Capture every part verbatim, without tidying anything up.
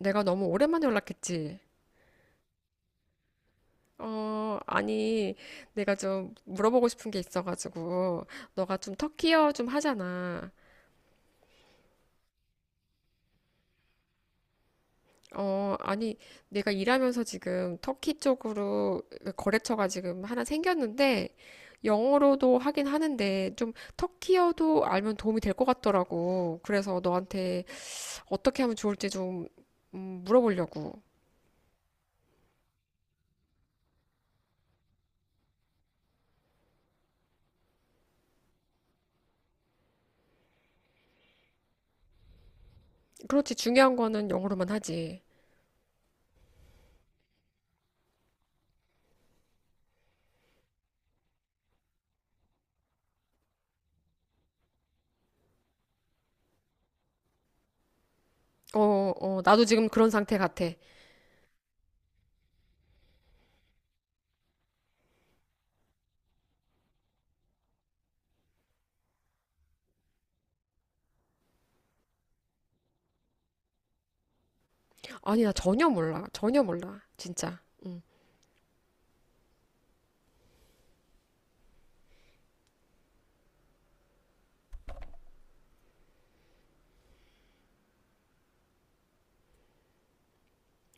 내가 너무 오랜만에 연락했지. 어, 아니, 내가 좀 물어보고 싶은 게 있어가지고, 너가 좀 터키어 좀 하잖아. 어, 아니, 내가 일하면서 지금 터키 쪽으로 거래처가 지금 하나 생겼는데, 영어로도 하긴 하는데, 좀 터키어도 알면 도움이 될 것 같더라고. 그래서 너한테 어떻게 하면 좋을지 좀, 음, 물어보려고. 그렇지, 중요한 거는 영어로만 하지. 어, 어, 나도 지금 그런 상태 같아. 아니, 나 전혀 몰라. 전혀 몰라. 진짜. 응.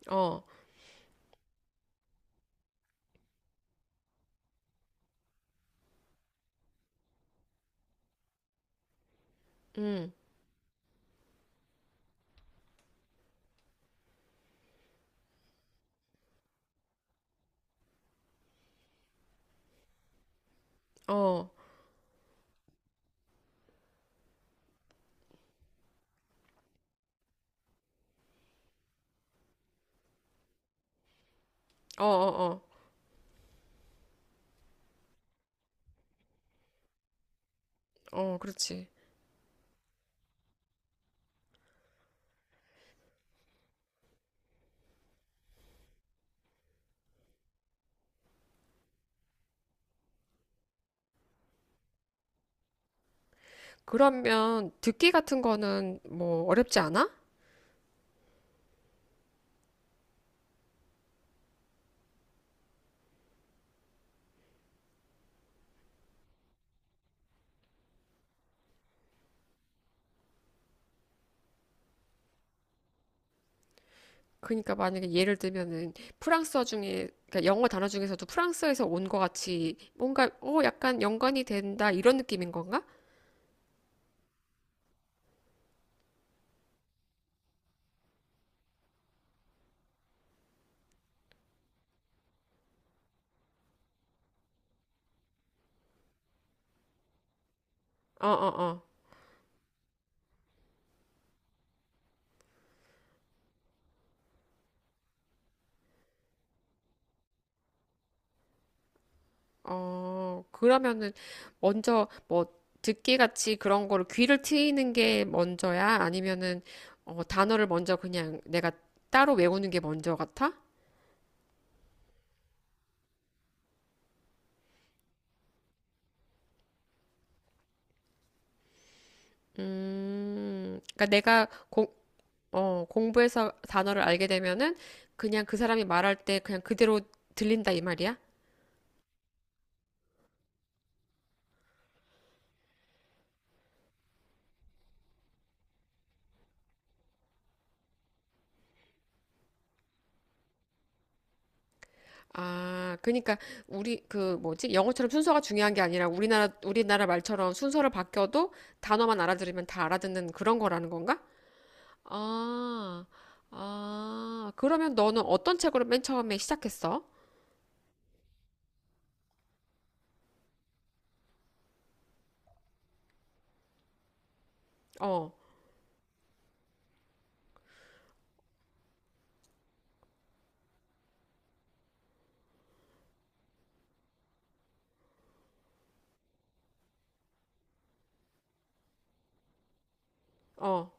어. 응. 어. 어, 어, 어. 어, 그렇지. 그러면 듣기 같은 거는 뭐 어렵지 않아? 그러니까 만약에 예를 들면은 프랑스어 중에 그러니까 영어 단어 중에서도 프랑스에서 온 거 같이 뭔가 어 약간 연관이 된다 이런 느낌인 건가? 어, 어, 어. 어, 그러면은 먼저 뭐 듣기 같이 그런 거를 귀를 트이는 게 먼저야? 아니면은 어, 단어를 먼저 그냥 내가 따로 외우는 게 먼저 같아? 음, 그러니까 내가 공, 어, 공부해서 단어를 알게 되면은 그냥 그 사람이 말할 때 그냥 그대로 들린다 이 말이야? 아, 그러니까 우리 그 뭐지? 영어처럼 순서가 중요한 게 아니라 우리나라 우리나라 말처럼 순서를 바뀌어도 단어만 알아들으면 다 알아듣는 그런 거라는 건가? 아, 아, 그러면 너는 어떤 책으로 맨 처음에 시작했어? 어, 어,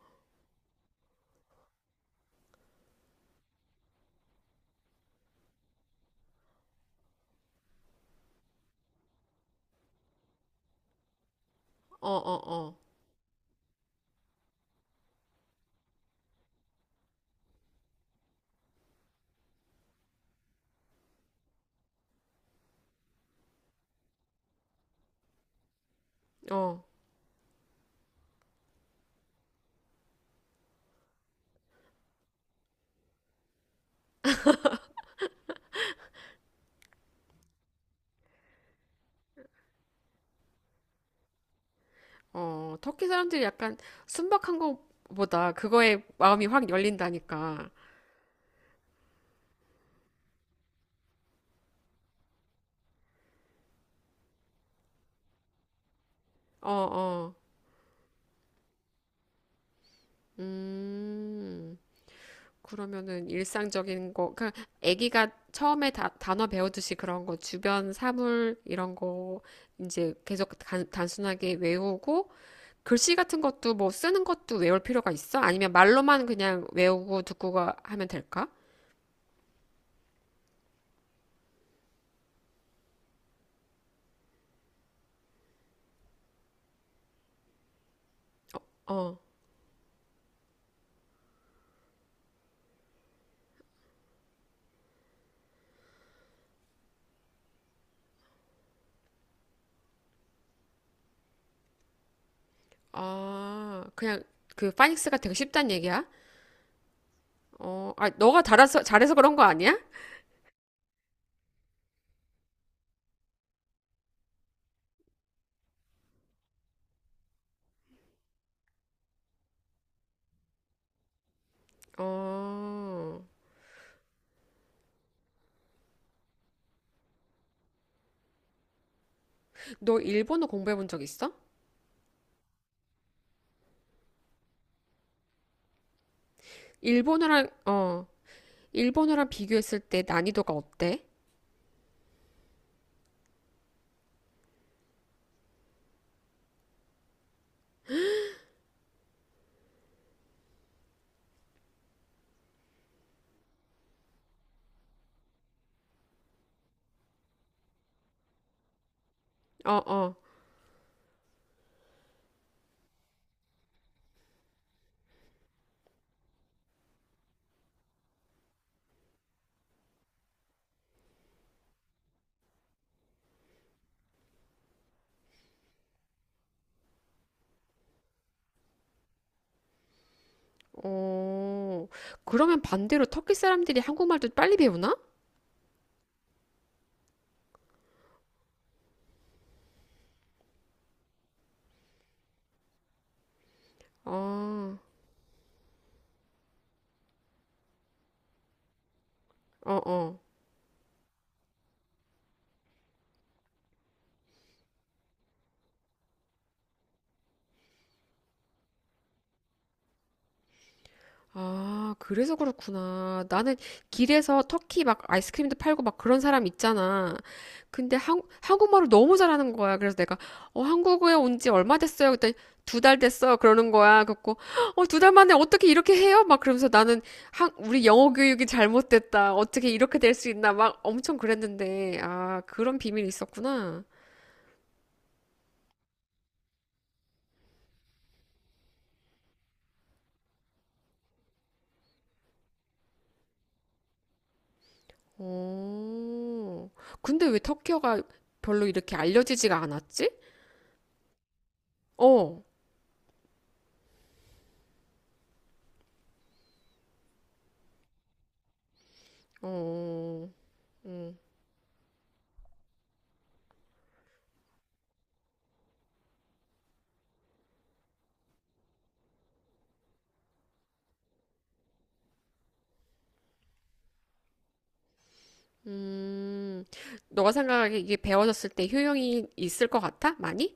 어, 어, 어, 어, 어. 터키 사람들이 약간 순박한 것보다 그거에 마음이 확 열린다니까. 어, 어, 음, 그러면은 일상적인 거, 그, 아기가 처음에 다, 단어 배우듯이 그런 거, 주변 사물, 이런 거, 이제 계속 단, 단순하게 외우고, 글씨 같은 것도 뭐 쓰는 것도 외울 필요가 있어? 아니면 말로만 그냥 외우고 듣고가 하면 될까? 어, 아, 그냥 그 파닉스가 되게 쉽단 얘기야? 어, 아, 너가 잘해서, 잘해서 그런 거 아니야? 어, 너 일본어 공부해 본 적 있어? 일본어랑, 어, 일본어랑 비교했을 때 난이도가 어때? 어, 어, 어, 그러면 반대로 터키 사람들이 한국말도 빨리 배우나? 어, 어, 어. 아, 그래서 그렇구나. 나는 길에서 터키 막 아이스크림도 팔고 막 그런 사람 있잖아. 근데 한, 한국말을 너무 잘하는 거야. 그래서 내가, 어, 한국에 온 지 얼마 됐어요? 그랬더니 두 달 됐어. 그러는 거야. 그래갖고, 어, 두 달 만에 어떻게 이렇게 해요? 막 그러면서 나는 한, 우리 영어 교육이 잘못됐다. 어떻게 이렇게 될 수 있나. 막 엄청 그랬는데, 아, 그런 비밀이 있었구나. 어, 근데 왜 터키어가 별로 이렇게 알려지지가 않았지? 어, 어. 음, 너가 생각하기에 이게 배워졌을 때 효용이 있을 것 같아? 많이?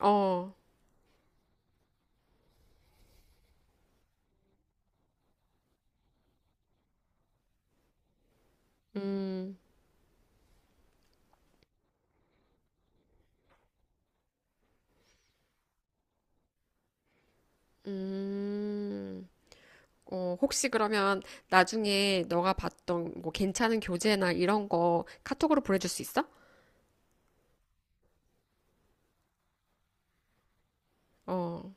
어, 음, 음, 어, 혹시 그러면 나중에 너가 봤던 뭐 괜찮은 교재나 이런 거 카톡으로 보내줄 수 있어? 어,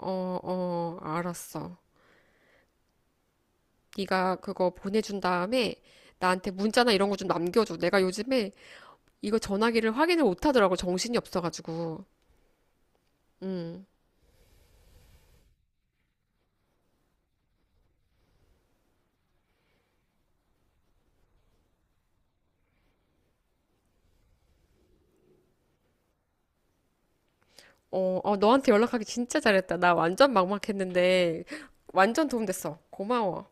어, 어, 알았어. 네가 그거 보내준 다음에 나한테 문자나 이런 거 좀 남겨줘. 내가 요즘에 이거 전화기를 확인을 못 하더라고. 정신이 없어가지고. 음. 어, 어, 너한테 연락하기 진짜 잘했다. 나 완전 막막했는데, 완전 도움됐어. 고마워.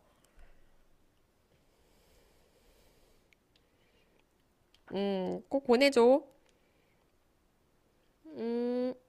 음, 꼭 보내줘. 음.